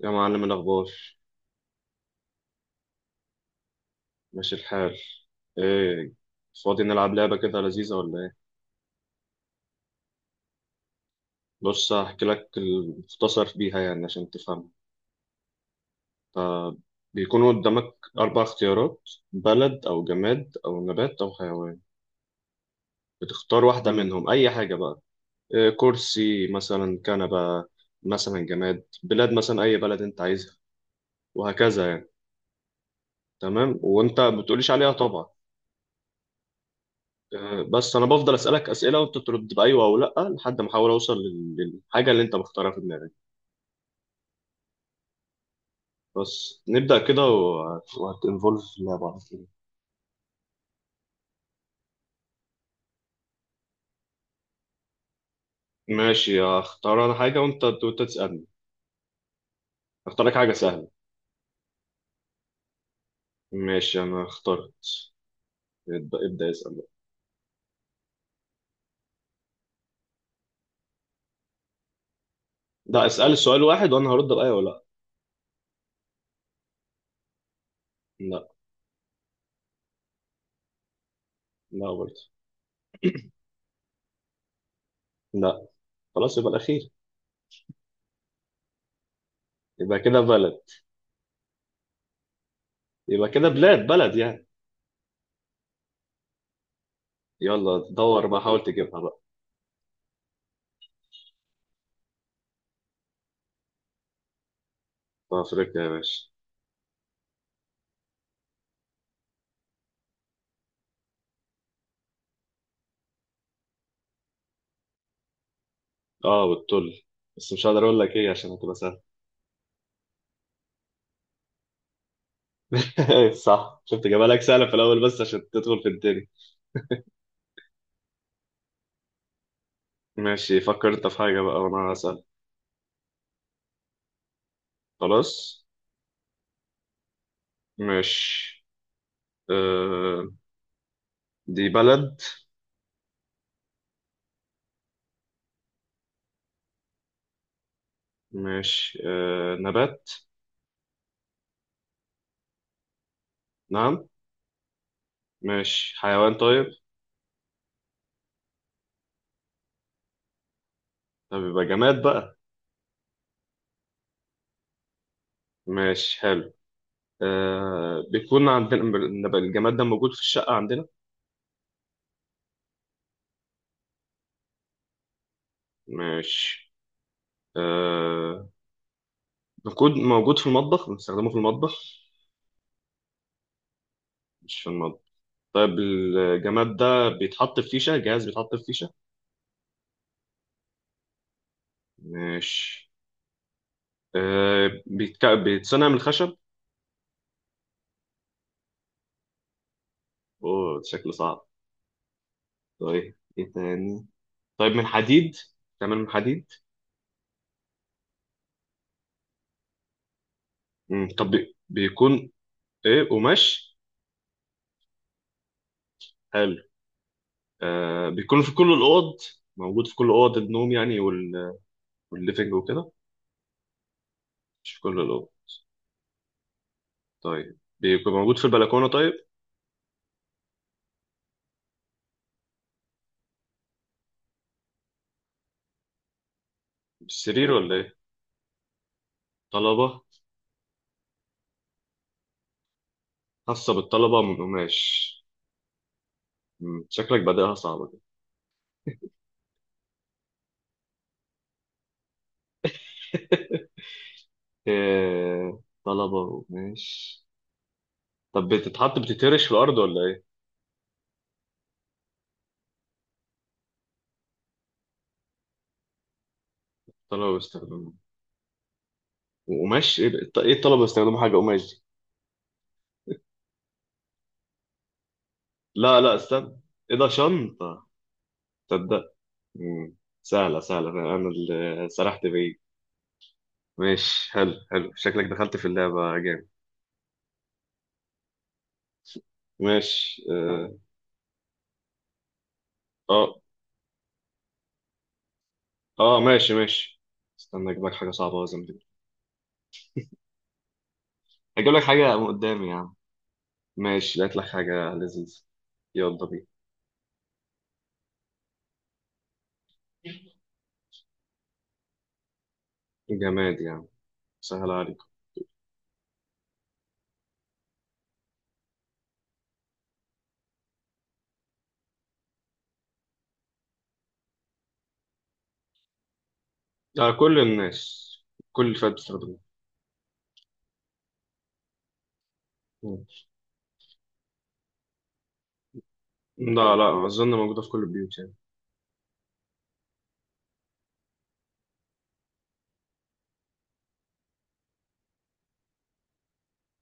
يا معلم، الأخبار؟ ماشي الحال. إيه؟ فاضي نلعب لعبة كده لذيذة ولا إيه؟ بص، هحكي لك المختصر بيها يعني عشان تفهم. ف- بيكونوا قدامك أربع اختيارات: بلد أو جماد أو نبات أو حيوان. بتختار واحدة منهم، أي حاجة بقى. إيه، كرسي مثلا، كنبة مثلا، جماد، بلاد مثلا أي بلد أنت عايزها، وهكذا يعني. تمام، وأنت ما بتقوليش عليها طبعا. بس انا بفضل اسالك اسئله وانت ترد بايوه او لا لحد ما احاول اوصل للحاجه اللي انت مختارها في دماغك. بس نبدا كده، وهتنفولف في اللعبه على طول. ماشي، اختار انا حاجه وانت تسالني. اختار لك حاجه سهله. ماشي، انا اخترت. ابدا ابدا، اسال بقى. لا، اسال السؤال واحد وانا هرد بايوه ولا لا. لا لا برضه. لا. خلاص، يبقى الاخير. يبقى كده بلد. يبقى كده بلاد، بلد يعني. يلا دور بقى، حاول تجيبها بقى. في افريقيا، يا باشا. اه، والتل بس مش هقدر اقول لك ايه عشان هتبقى سهله. صح، شفت جمالك؟ سهلة في الأول بس عشان تدخل في التاني. ماشي، فكر أنت في حاجة بقى وأنا هسأل. خلاص. ماشي. آه دي بلد؟ ماشي. نبات؟ نعم؟ ماشي، حيوان طيب؟ طب يبقى جماد بقى. ماشي، حلو. بيكون عندنا الجماد ده موجود في الشقة عندنا؟ ماشي. آه موجود في المطبخ، بنستخدمه في المطبخ؟ مش في المطبخ. طيب الجماد ده بيتحط في فيشة، جهاز بيتحط في فيشة؟ ماشي. بيتصنع من الخشب؟ اوه، شكله صعب. طيب ايه تاني؟ طيب من حديد؟ تعمل من حديد؟ مم. طب بيكون، ايه، قماش؟ حلو. بيكون في كل الاوض؟ موجود في كل اوض النوم يعني، والليفنج وكده؟ مش في كل الاوض. طيب بيكون موجود في البلكونه طيب؟ في السرير ولا ايه؟ طلبه؟ خاصه بالطلبه، من قماش؟ شكلك بادئها صعبه دي. طلبه قماش. طب بتترش في الارض ولا ايه؟ طلبة بيستخدموها، وقماش؟ ايه إيه الطلبة بيستخدموا حاجة قماش دي؟ لا لا، استنى. ايه ده، شنطة؟ تصدق. مم. سهلة سهلة، انا اللي سرحت بعيد. ماشي، حلو حلو، شكلك دخلت في اللعبة جامد. ماشي. اه ماشي ماشي. استنى اجيب لك حاجة صعبة لازم دي. اجيب لك حاجة من قدامي، يا عم. ماشي، لقيت لك حاجة لذيذة. يلا بينا. جماد يعني، سهل عليك. لا، كل الناس. كل الفئات بتستخدمه. مم. لا، لا أظن، موجودة في كل البيوت يعني.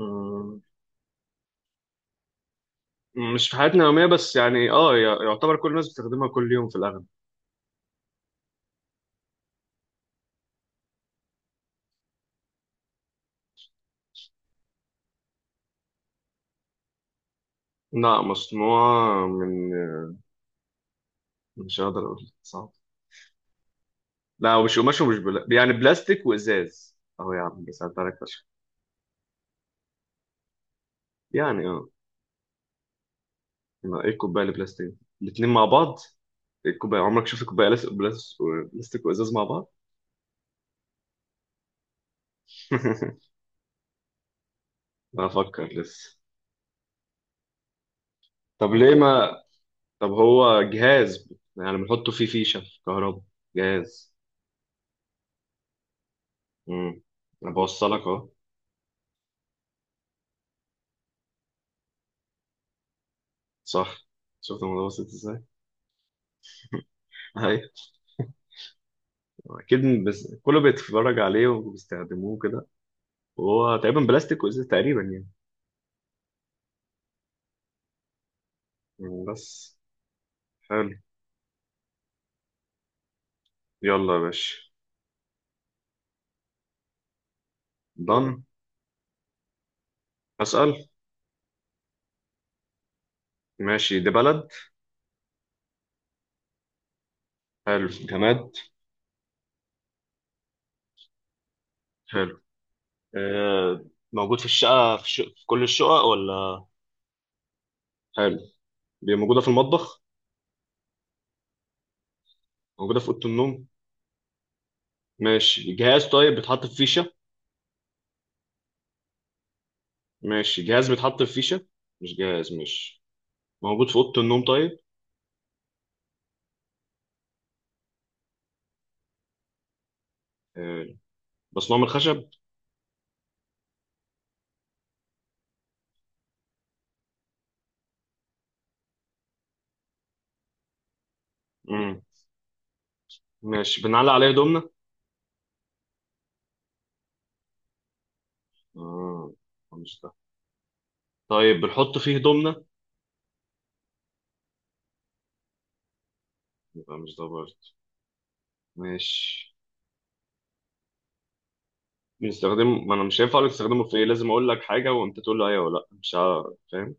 آه، مش في حياتنا اليومية بس يعني، يعتبر كل الناس بتستخدمها كل يوم في الأغلب. لا، مصنوعة من، مش هقدر أقول، صعب. لا، ومش قماش ومش يعني بلاستيك وإزاز. أهو يا عم، ساعدت عليك فشخ. يعني ما إيه، الكوباية اللي بلاستيك؟ الاتنين مع بعض؟ إيه الكوباية، عمرك شفت كوباية بلاستيك وإزاز مع بعض؟ أنا أفكر لسه. طب ليه ما، طب هو جهاز؟ يعني بنحطه فيه فيشة كهرباء؟ جهاز. امم أنا بوصلك أهو. صح، شفت الموضوع بسيط ازاي؟ ايوه، اكيد، بس كله بيتفرج عليه وبيستخدموه كده. وهو تقريبا بلاستيك وازاز تقريبا يعني. يعني، بس. حلو. يلا يا باشا. ضن. اسال. ماشي، دي بلد؟ حلو، جماد؟ حلو. آه، موجود في الشقه، في كل الشقق ولا؟ حلو. دي موجوده في المطبخ؟ موجوده في اوضه النوم؟ ماشي، جهاز طيب بيتحط في فيشه؟ ماشي، جهاز بيتحط في فيشه؟ مش جهاز، مش. موجود في اوضه النوم طيب؟ حلو. مصنوع من الخشب؟ ماشي، بنعلق عليه هدومنا؟ اه، مش ده. طيب بنحط فيه هدومنا؟ يبقى مش ده برضه. ماشي. بنستخدم، ما انا مش هينفع اقول لك استخدمه في ايه، لازم اقول لك حاجه وانت تقول لي ايوه ولا لا. مش عارف. فاهم.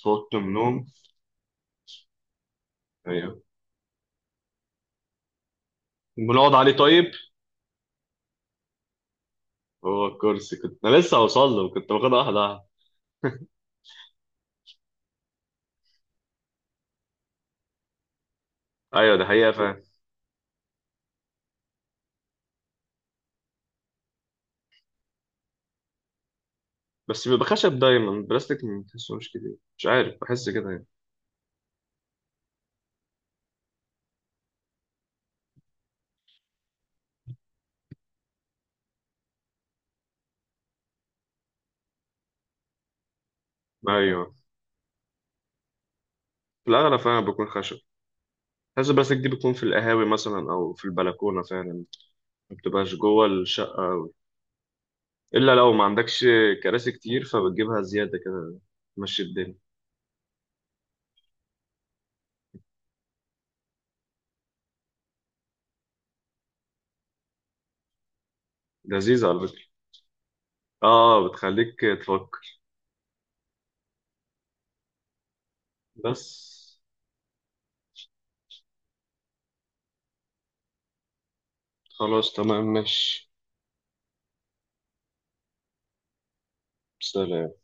صوت النوم. ايوه، بنقعد عليه طيب؟ هو الكرسي، كنت انا لسه هوصل له، كنت واخدها واحده واحده. ايوه، ده حقيقه، فاهم. بس بيبقى خشب دايما، البلاستيك ما بتحسوش كتير، مش عارف، بحس كده يعني. ايوه، في الاغلب فعلا بيكون خشب. حاسس البلاستيك دي بتكون في القهاوي مثلا او في البلكونه فعلا، ما بتبقاش جوه الشقه، الا لو ما عندكش كراسي كتير فبتجيبها زياده كده، تمشي الدنيا. لذيذه على فكره. اه، بتخليك تفك. بس. خلاص، تمام، ماشي. سلام.